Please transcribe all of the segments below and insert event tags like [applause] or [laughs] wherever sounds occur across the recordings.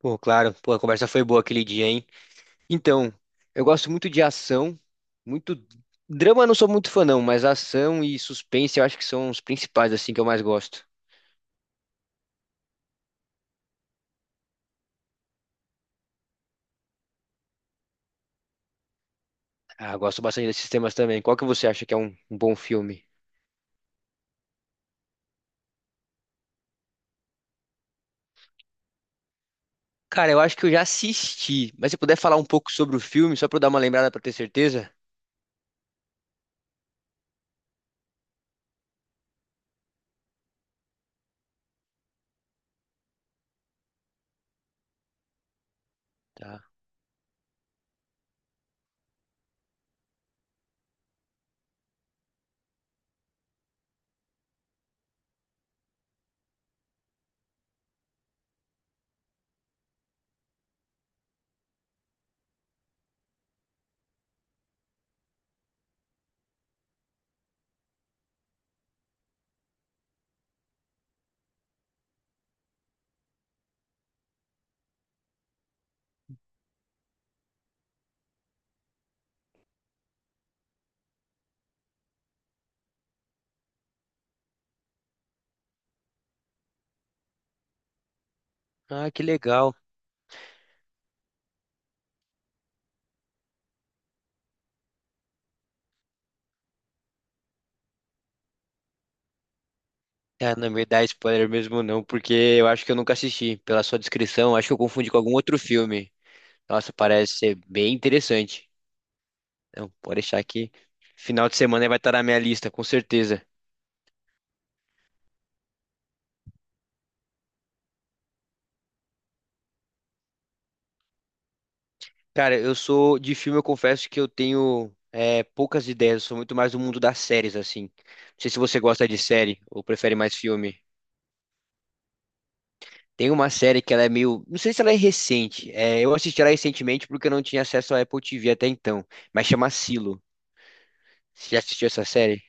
Pô, claro. Pô, a conversa foi boa aquele dia, hein? Então, eu gosto muito de ação, muito drama eu não sou muito fã não, mas ação e suspense eu acho que são os principais assim que eu mais gosto. Ah, gosto bastante desses temas também. Qual que você acha que é um bom filme? Cara, eu acho que eu já assisti, mas se puder falar um pouco sobre o filme, só pra eu dar uma lembrada pra ter certeza? Tá. Ah, que legal. Ah, não me dá spoiler mesmo não, porque eu acho que eu nunca assisti. Pela sua descrição, acho que eu confundi com algum outro filme. Nossa, parece ser bem interessante. Não, pode deixar que final de semana vai estar na minha lista, com certeza. Cara, eu sou de filme, eu confesso que eu tenho é, poucas ideias, eu sou muito mais do mundo das séries, assim. Não sei se você gosta de série ou prefere mais filme. Tem uma série que ela é meio. Não sei se ela é recente. É, eu assisti ela recentemente porque eu não tinha acesso à Apple TV até então. Mas chama Silo. Você já assistiu essa série?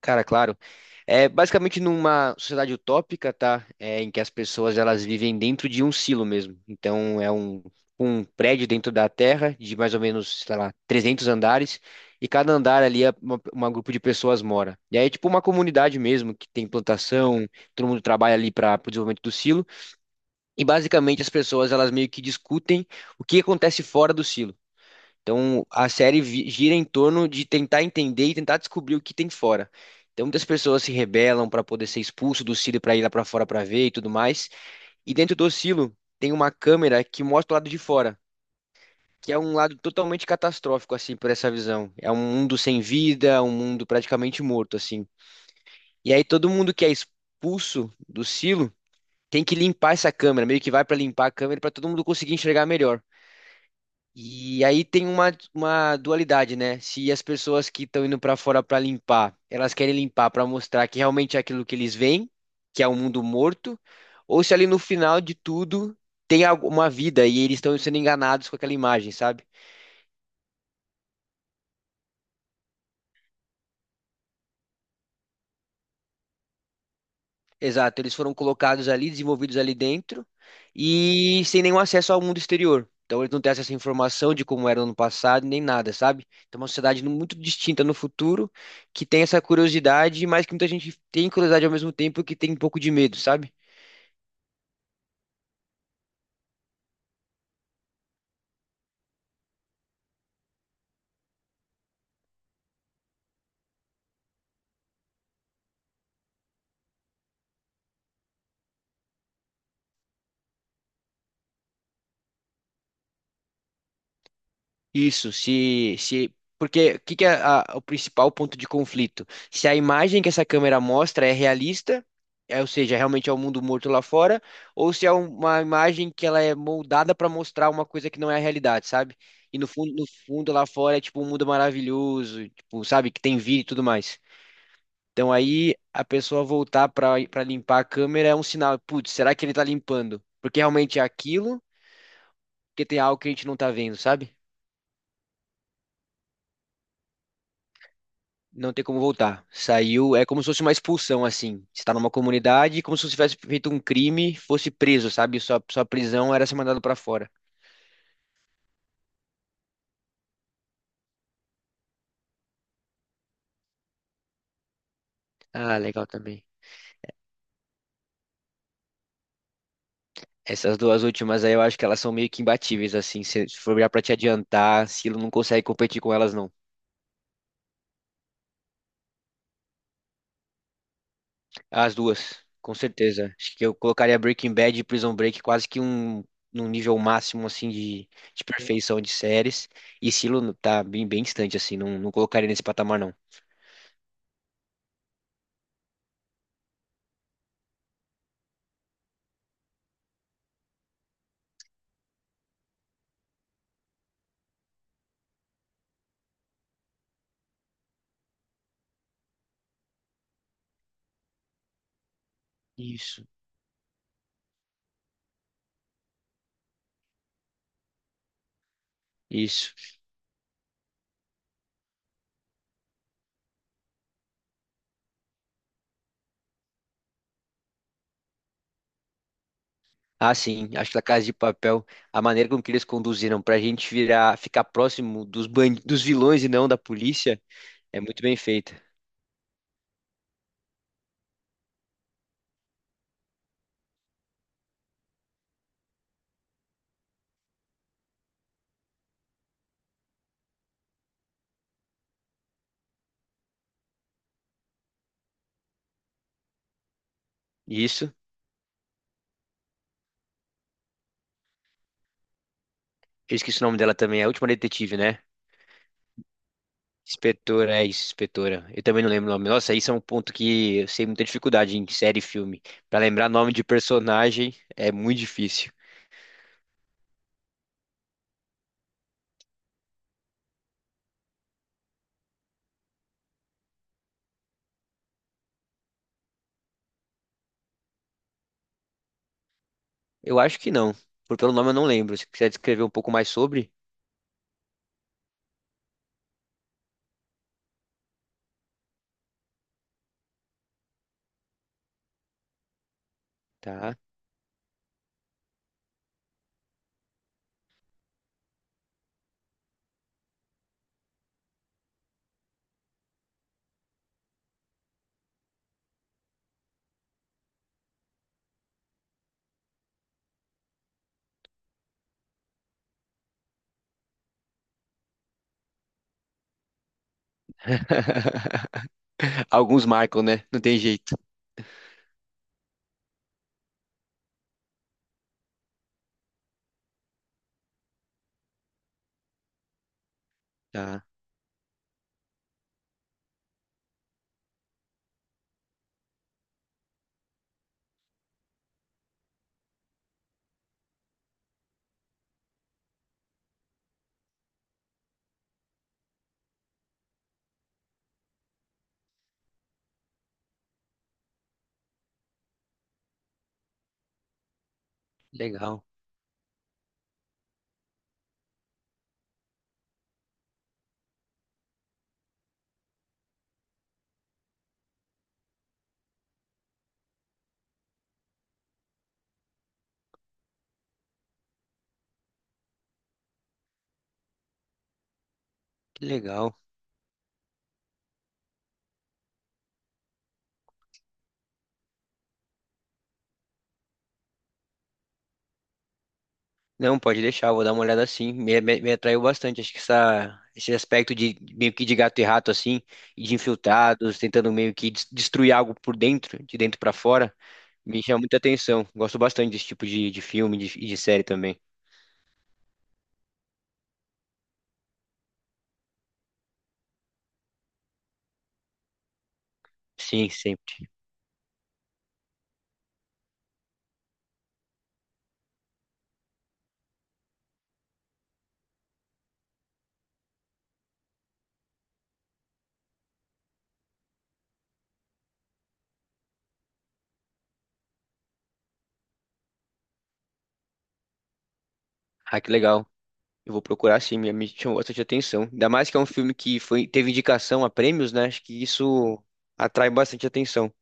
Cara, claro. É basicamente numa sociedade utópica, tá? É, em que as pessoas elas vivem dentro de um silo mesmo. Então é um prédio dentro da Terra de mais ou menos, sei lá, 300 andares e cada andar ali é uma grupo de pessoas mora. E aí é tipo uma comunidade mesmo que tem plantação, todo mundo trabalha ali para o desenvolvimento do silo e basicamente as pessoas elas meio que discutem o que acontece fora do silo. Então a gira em torno de tentar entender e tentar descobrir o que tem fora. Então muitas pessoas se rebelam para poder ser expulso do silo para ir lá para fora para ver e tudo mais. E dentro do silo tem uma câmera que mostra o lado de fora, que é um lado totalmente catastrófico assim por essa visão. É um mundo sem vida, um mundo praticamente morto assim. E aí todo mundo que é expulso do silo tem que limpar essa câmera, meio que vai para limpar a câmera para todo mundo conseguir enxergar melhor. E aí tem uma dualidade, né? Se as pessoas que estão indo para fora para limpar, elas querem limpar para mostrar que realmente é aquilo que eles veem, que é um mundo morto, ou se ali no final de tudo tem alguma vida e eles estão sendo enganados com aquela imagem, sabe? Exato, eles foram colocados ali, desenvolvidos ali dentro e sem nenhum acesso ao mundo exterior. Então eles não têm acesso à informação de como era no ano passado, nem nada, sabe? Então é uma muito distinta no futuro, que tem essa curiosidade, mas que muita gente tem curiosidade ao mesmo tempo que tem um pouco de medo, sabe? Isso, se, porque o que que o principal ponto de conflito? Se a imagem que essa câmera mostra é realista, é, ou seja, realmente é o mundo morto lá fora, ou se é uma imagem que ela é moldada para mostrar uma coisa que não é a realidade, sabe? E no fundo, no fundo lá fora é tipo um mundo maravilhoso, tipo, sabe, que tem vida e tudo mais. Então aí a pessoa voltar para limpar a câmera é um sinal, putz, será que ele tá limpando? Porque realmente é aquilo, porque tem algo que a gente não tá vendo, sabe? Não tem como voltar. Saiu, é como se fosse uma expulsão, assim. Você tá numa comunidade, como se você tivesse feito um crime, fosse preso, sabe? Sua prisão era ser mandado pra fora. Ah, legal também. Essas duas últimas aí eu acho que elas são meio que imbatíveis, assim. Se for olhar pra te adiantar, Silo não consegue competir com elas, não. As duas, com certeza. Acho que eu colocaria Breaking Bad e Prison Break quase que um, num nível máximo, assim, de perfeição de séries. E Silo tá bem, bem distante, assim. Não, não colocaria nesse patamar, não. Isso. Isso. Ah, sim, acho que La Casa de Papel, a maneira com que eles conduziram pra gente virar, ficar próximo dos dos vilões e não da polícia, é muito bem feita. E isso, eu esqueci o nome dela também, é a última detetive, né? Inspetora, é isso, inspetora. Eu também não lembro o nome. Nossa, isso é um ponto que eu sei muita dificuldade em série e filme. Pra lembrar nome de personagem é muito difícil. Eu acho que não, por pelo nome eu não lembro. Se quiser descrever um pouco mais sobre, tá? [laughs] Alguns marcam, né? Não tem jeito. Tá, legal, que legal. Não, pode deixar, vou dar uma olhada assim. Me atraiu bastante. Acho que essa, esse aspecto de meio que de gato e rato, assim, e de infiltrados, tentando meio que destruir algo por dentro, de dentro pra fora, me chama muita atenção. Gosto bastante desse tipo de filme série também. Sim, sempre. Ah, que legal. Eu vou procurar sim, me chamou bastante atenção. Ainda mais que é um filme que foi, teve indicação a prêmios, né? Acho que isso atrai bastante atenção.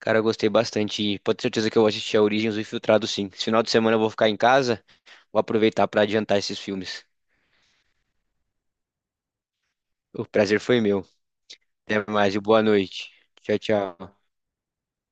Cara, eu gostei bastante. E pode ter certeza que eu vou assistir a Origens do Infiltrado, sim. Esse final de semana eu vou ficar em casa. Vou aproveitar para adiantar esses filmes. O prazer foi meu. Até mais e boa noite. Tchau, tchau.